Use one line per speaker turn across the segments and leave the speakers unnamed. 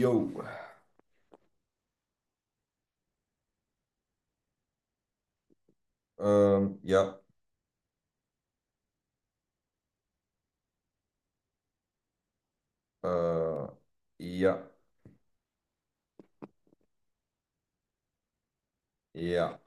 Jo. Ja. Äh, ja. Ja.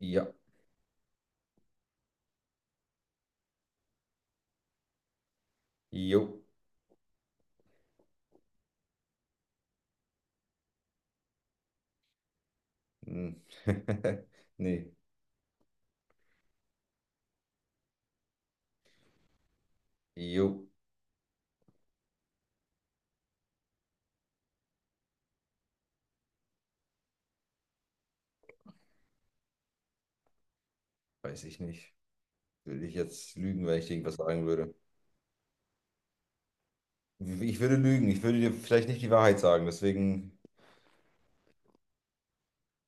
Ja. Jo. Hm. Nee. Jo. Weiß ich nicht. Würde ich jetzt lügen, wenn ich irgendwas sagen würde. Ich würde lügen. Ich würde dir vielleicht nicht die Wahrheit sagen. Deswegen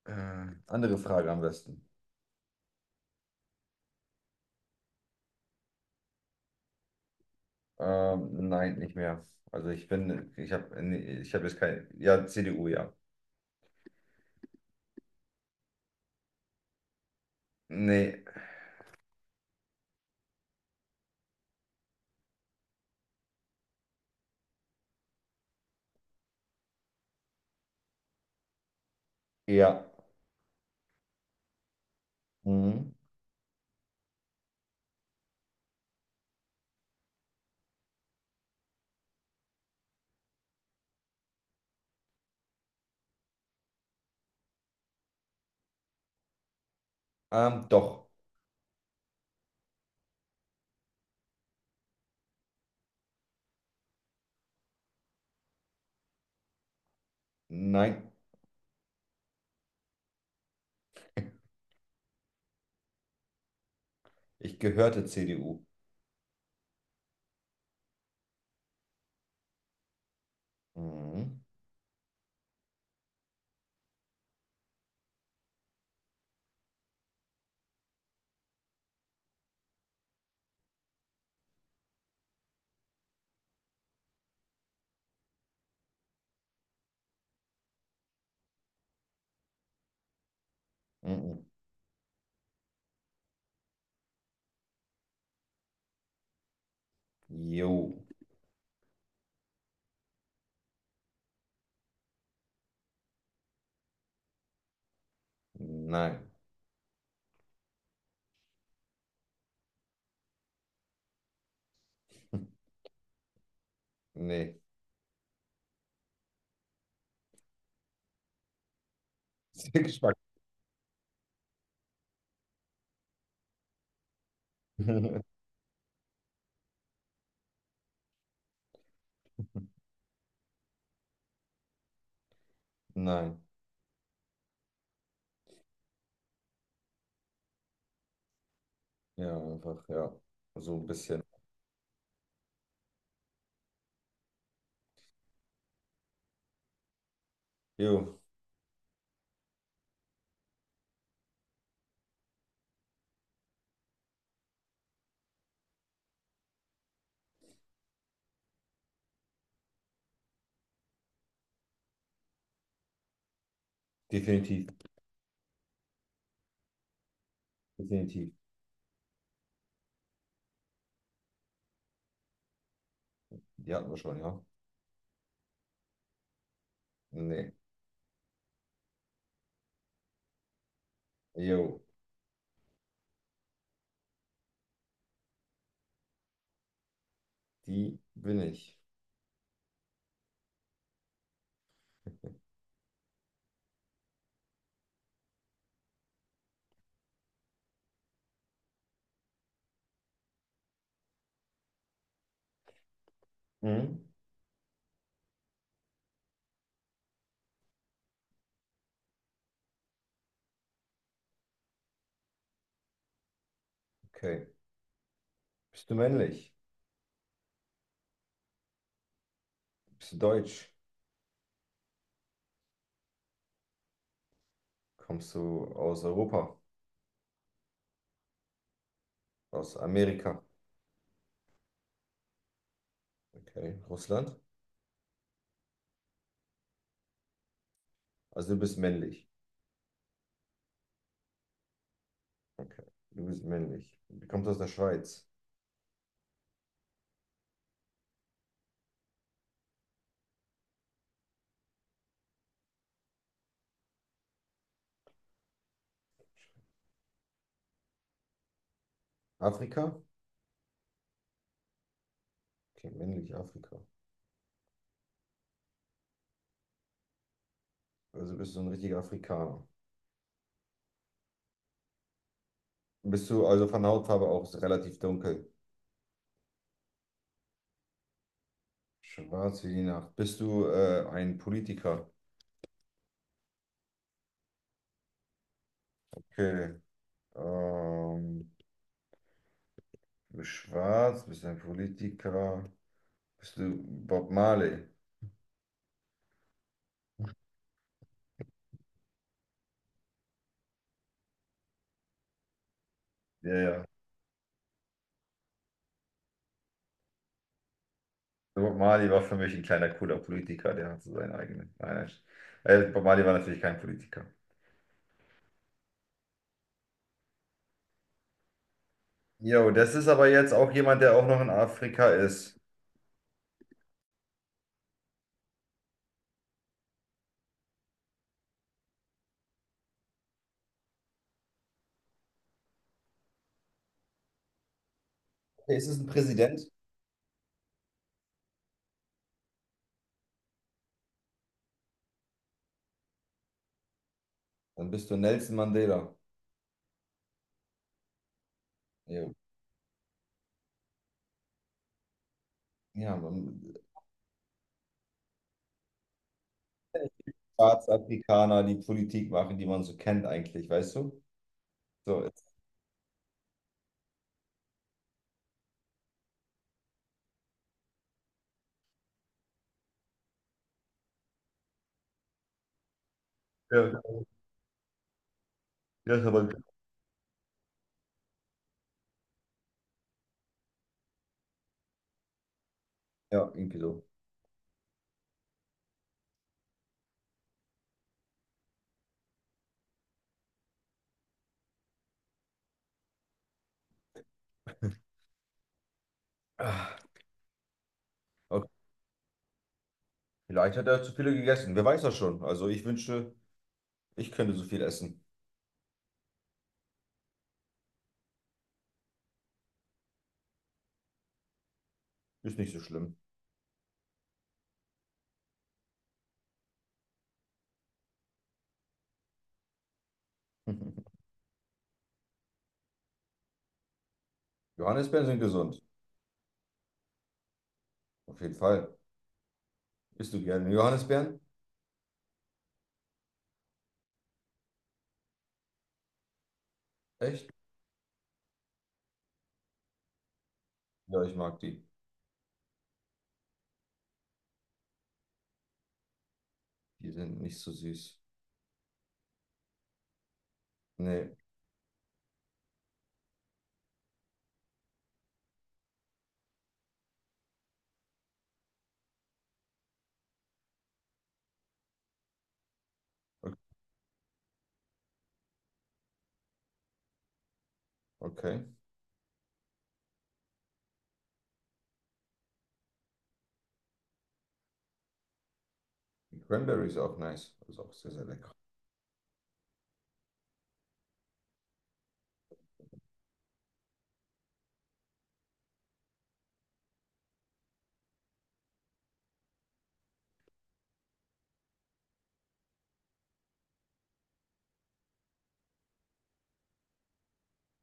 andere Frage am besten. Nein, nicht mehr. Also ich bin, ich habe, nee, ich habe jetzt kein, ja, CDU, ja. Nee, ja. Mhm. Doch. Nein, ich gehörte CDU. Mhm. Mhm. Jo, nein. Nee. Sehr Geschmack. Nein. Ja, einfach, ja. So ein bisschen. Jo, definitiv. Definitiv. Die hatten wir schon, ja? Nee. Jo, die bin ich. Mhm. Okay. Bist du männlich? Bist du deutsch? Kommst du aus Europa? Aus Amerika? Okay. Russland? Also du bist männlich. Okay. Du bist männlich. Du kommst aus der Schweiz. Afrika? Okay, männlich Afrika. Also bist du ein richtiger Afrikaner. Bist du also von Hautfarbe auch relativ dunkel? Schwarz wie die Nacht. Bist du ein Politiker? Okay. Ähm, Du bist schwarz, bist ein Politiker. Bist du Bob Marley? Ja, ja. Bob Marley war für mich ein kleiner, cooler Politiker. Der hat so seinen eigenen. Nein, nein. Bob Marley war natürlich kein Politiker. Jo, das ist aber jetzt auch jemand, der auch noch in Afrika ist. Okay, ist es ein Präsident? Dann bist du Nelson Mandela. Jo. Ja, man, Staatsafrikaner, die Politik machen, die man so kennt eigentlich, weißt du? So, jetzt- Ja, ja, ist aber. Ja, irgendwie so. Ah, okay. Vielleicht hat er zu viele gegessen. Wer weiß das schon? Also ich wünschte, ich könnte so viel essen. Ist nicht so schlimm. Johannisbeeren sind gesund. Auf jeden Fall. Isst du gerne Johannisbeeren? Echt? Ja, ich mag die. Die sind nicht so süß. Nee. Okay. Okay. Die Cranberry ist auch nice. Ist auch sehr, sehr lecker.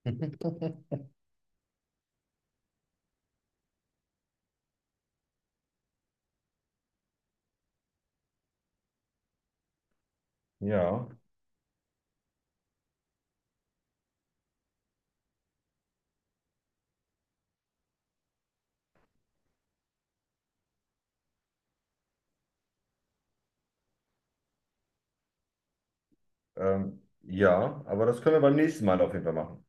Ja, ja, aber das können wir beim nächsten Mal auf jeden Fall machen.